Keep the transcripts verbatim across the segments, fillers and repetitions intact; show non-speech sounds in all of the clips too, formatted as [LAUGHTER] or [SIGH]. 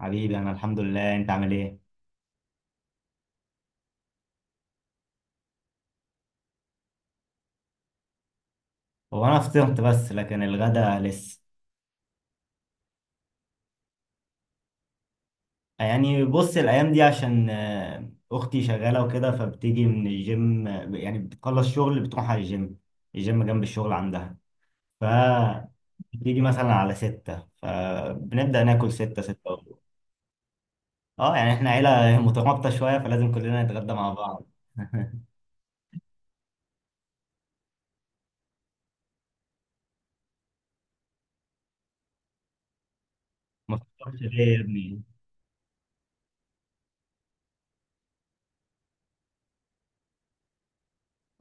حبيبي، انا الحمد لله، انت عامل ايه؟ هو انا فطرت، بس لكن الغدا لسه. يعني بص، الايام دي عشان آه، اختي شغاله وكده، فبتيجي من الجيم، آه، يعني بتخلص شغل بتروح على الجيم. الجيم جنب الشغل عندها. ف بتيجي مثلا على ستة، فبنبدأ ناكل ستة، ستة وربع. اه، يعني احنا عيلة مترابطة شوية، فلازم كلنا نتغدى مع بعض. [LAUGHS] ما تفكرش ليه يا ابني؟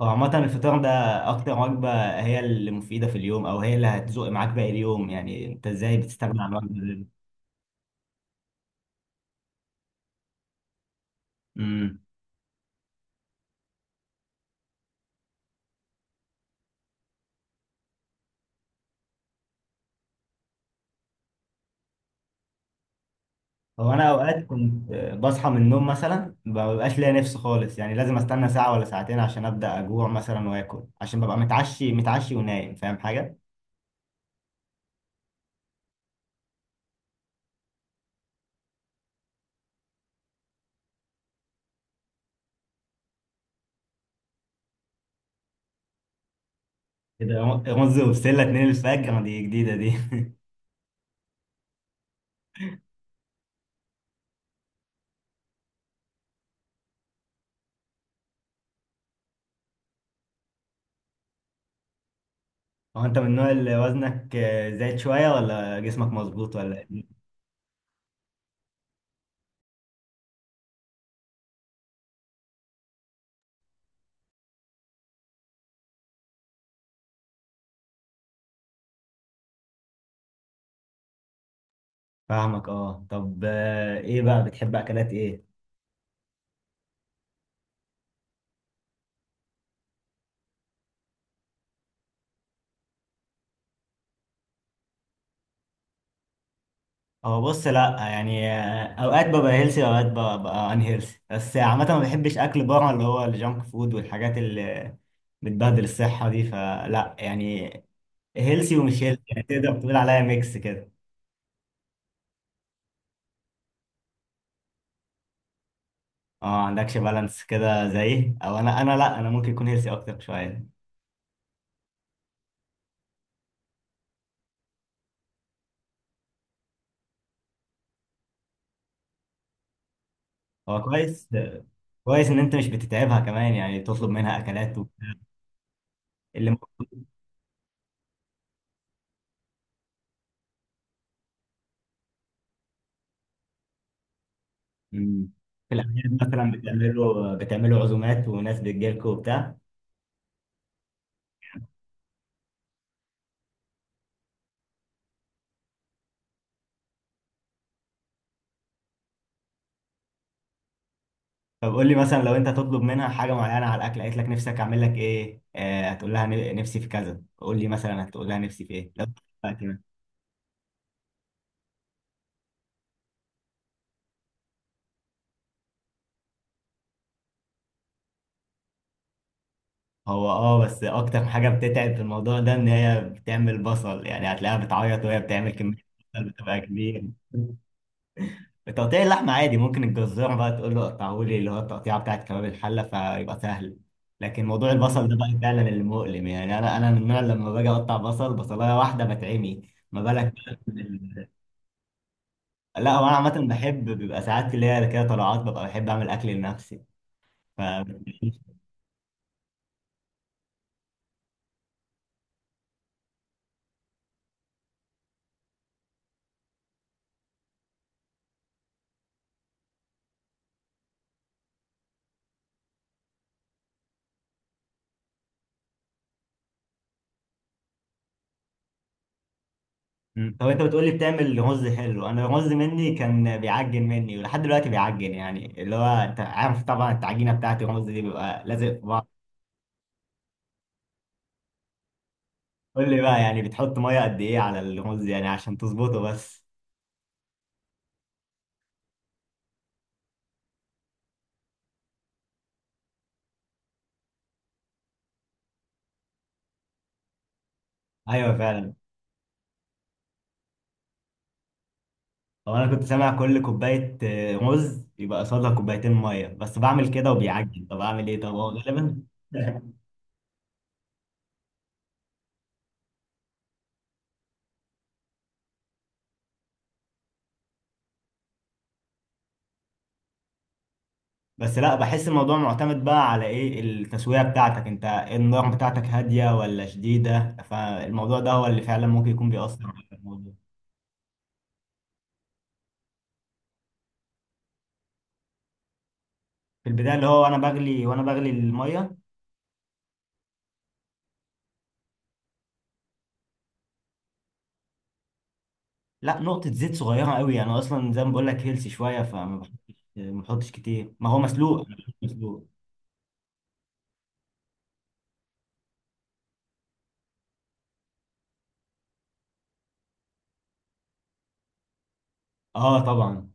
هو عامة الفطار ده أكتر وجبة، هي اللي مفيدة في اليوم، أو هي اللي هتزق معاك باقي اليوم. يعني أنت إزاي بتستغنى عن الوجبة دي؟ أمم. هو أنا أوقات كنت بصحى من النوم مثلا ما ببقاش ليا نفس خالص، يعني لازم أستنى ساعة ولا ساعتين عشان أبدأ أجوع مثلا وآكل، عشان ببقى متعشي متعشي ونايم. فاهم حاجة؟ كده رز وبسلة اتنين الفجر دي جديدة دي. [LAUGHS] هو أنت من النوع اللي وزنك زايد شوية ولا جسمك مظبوط ولا إيه؟ فاهمك. أه، طب آه، إيه بقى بتحب أكلات إيه؟ هو بص، لا يعني، آه، اوقات ببقى هيلسي اوقات ببقى ان هيلسي، بس عامه ما بحبش اكل بره، اللي هو الجانك فود والحاجات اللي بتبهدل الصحه دي، فلا يعني. هيلسي ومش هيلسي، يعني تقدر تقول عليا ميكس كده. اه، عندكش بالانس كده زيي، او انا انا، لا، انا ممكن يكون هيلسي اكتر شويه. هو كويس كويس ان انت مش بتتعبها كمان، يعني تطلب منها اكلات و- اللي م- في الاعياد مثلا، بتعملوا بتعملوا عزومات وناس بتجيلكوا وبتاع. طب قول لي مثلا، لو انت هتطلب منها حاجه معينه على الاكل، قالت لك نفسك اعمل لك ايه، آه هتقول لها ن- نفسي في كذا. قول لي مثلا، هتقول لها نفسي في ايه لو دلوقتي مثلا. هو اه، بس اكتر حاجه بتتعب في الموضوع ده، ان هي بتعمل بصل. يعني هتلاقيها بتعيط وهي بتعمل كميه بصل بتبقى كبيره. تقطيع اللحمه عادي، ممكن الجزار بقى تقول له قطعه لي اللي هو التقطيعه بتاعت كباب الحله، فيبقى سهل. لكن موضوع البصل ده بقى فعلا اللي مؤلم، يعني انا انا من النوع لما باجي اقطع بصل، بصلايه واحده بتعمي. ما بالك بقى! لا، هو انا عامه بحب، بيبقى ساعات اللي هي كده طلعات، ببقى بحب اعمل اكل لنفسي. ف مم. طب انت بتقولي بتعمل رز حلو، انا الرز مني كان بيعجن مني ولحد دلوقتي بيعجن. يعني اللي هو انت عارف طبعا، التعجينه بتاعت الرز دي بيبقى لازق في بعض. قول لي بقى، يعني بتحط ميه قد ايه على الرز، يعني عشان تظبطه بس؟ ايوه فعلا. هو انا كنت سامع كل كوبايه آه، رز يبقى قصادها كوبايتين ميه، بس بعمل كده وبيعجن. طب اعمل ايه؟ طب هو غالبا. [LAUGHS] بس لا، بحس الموضوع معتمد بقى على ايه؟ التسوية بتاعتك انت إيه؟ النار بتاعتك هادية ولا شديدة؟ فالموضوع ده هو اللي فعلا ممكن يكون بيأثر على الموضوع. في البداية اللي هو وانا بغلي وانا بغلي المية. لا، نقطة زيت صغيرة قوي، انا اصلا زي ما بقول لك هيلسي شوية، فما بحطش ما بحطش كتير، ما هو مسلوق أنا بحبه مسلوق. اه طبعا.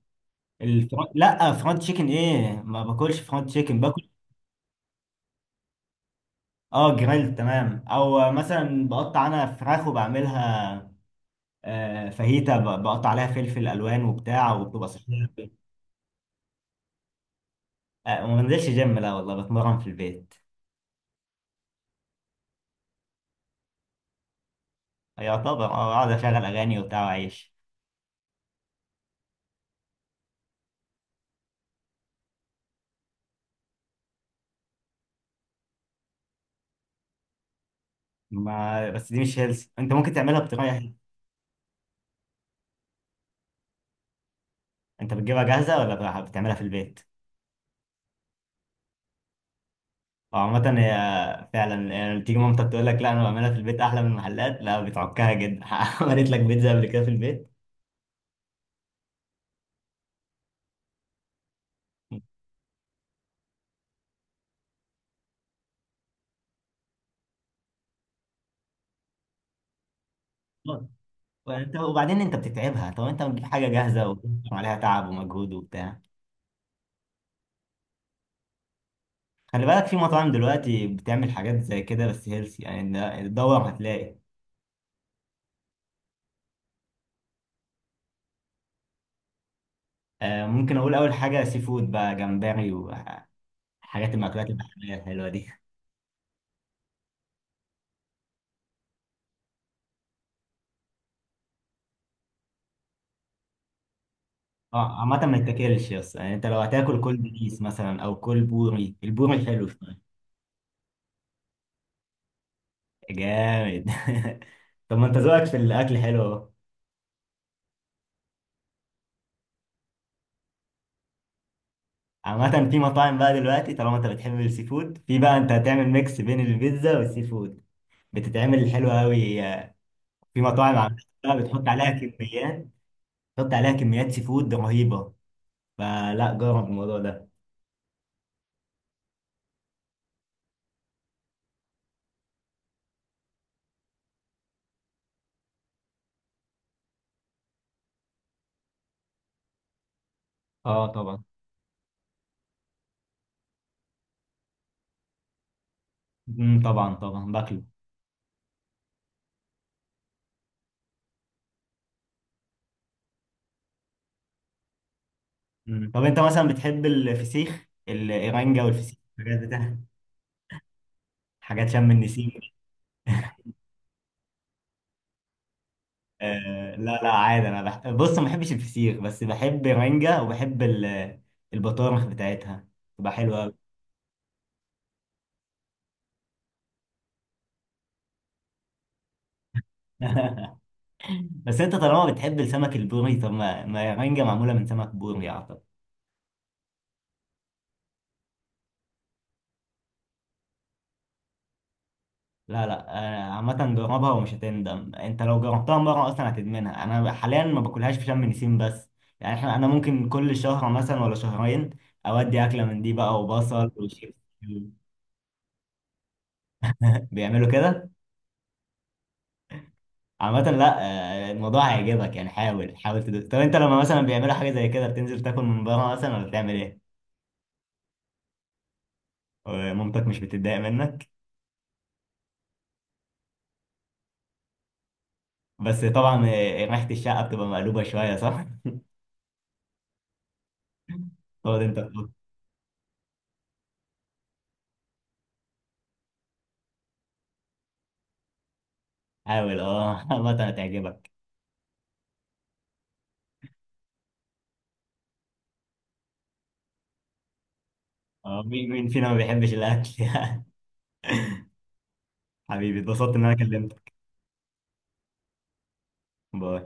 الفرن... لا، فرونت تشيكن ايه؟ ما باكلش فرونت تشيكن، باكل. اه جريل تمام، او مثلا بقطع انا فراخ وبعملها آه، فاهيتا، ب- بقطع عليها فلفل الوان وبتاع، وبتبقى صحيه. آه، وما بنزلش جيم، لا والله، بتمرن في البيت. يعتبر، اه، اقعد اشغل اغاني وبتاع واعيش. ما بس دي مش هيلث، انت ممكن تعملها بطريقه حلوة. انت بتجيبها جاهزه ولا بت- بتعملها في البيت؟ أو عامة هي، فعلا يعني، تيجي مامتك تقول لك لا انا بعملها في البيت احلى من المحلات، لا بتعكها جدا. [LAUGHS] عملت لك بيتزا قبل كده في البيت؟ [LAUGHS] وانت وبعدين انت بتتعبها. طب انت بتجيب حاجه جاهزه وعليها تعب ومجهود وبتاع. خلي بالك، في مطاعم دلوقتي بتعمل حاجات زي كده بس هيلثي، يعني تدور هتلاقي. آه ممكن اقول اول حاجه سي فود بقى، جمبري وحاجات المأكولات البحريه الحلوه دي. اه، عامه ما يتاكلش، بس يعني انت لو هتاكل كل بيس مثلا او كل بوري، البوري حلو شويه. جامد. [LAUGHS] طب ما انت ذوقك في الاكل حلو اهو. عامه في مطاعم بقى دلوقتي، طالما انت بتحب السي فود، في بقى انت هتعمل ميكس بين البيتزا والسي فود، بتتعمل حلوه قوي. في مطاعم عامله بتحط عليها كميات، حط عليها كميات سي فود رهيبه، فلا جرب الموضوع ده. اه طبعا. امم طبعا طبعا باكله. مم. طب انت مثلا بتحب الفسيخ الايرانجا والفسيخ الحاجات بتاعت حاجات شم النسيم. آه لا، لا، عادي. انا بح... بص، ما بحبش الفسيخ بس بحب ايرانجا وبحب ال- البطارخ بتاعتها تبقى حلوه أوي. [LAUGHS] بس انت طالما بتحب السمك البوري، طب ما ما ايرانجا معموله من سمك بوري اعتقد. لا، لا. آه، عامة جربها ومش هتندم، انت لو جربتها مرة اصلا هتدمنها. انا حاليا ما باكلهاش في شم نسيم بس، يعني احنا انا ممكن كل شهر مثلا ولا شهرين اودي اكلة من دي بقى، وبصل وشيبس. [LAUGHS] بيعملوا كده؟ عامة لا. آه، الموضوع هيعجبك، يعني حاول حاول تدوس. طب انت لما مثلا بيعملوا حاجة زي كده، بتنزل تاكل من بره مثلا ولا بتعمل ايه؟ ومامتك مش بتتضايق منك؟ بس طبعا، آه، ريحة الشقة بتبقى مقلوبة شوية، صح؟ [LAUGHS] خد، انت خد. حاول اه. [LAUGHS] عامة هتعجبك. آه، مين مين فينا ما بيحبش الاكل؟ [LAUGHS] يعني، حبيبي اتبسطت ان انا كلمتك. باي.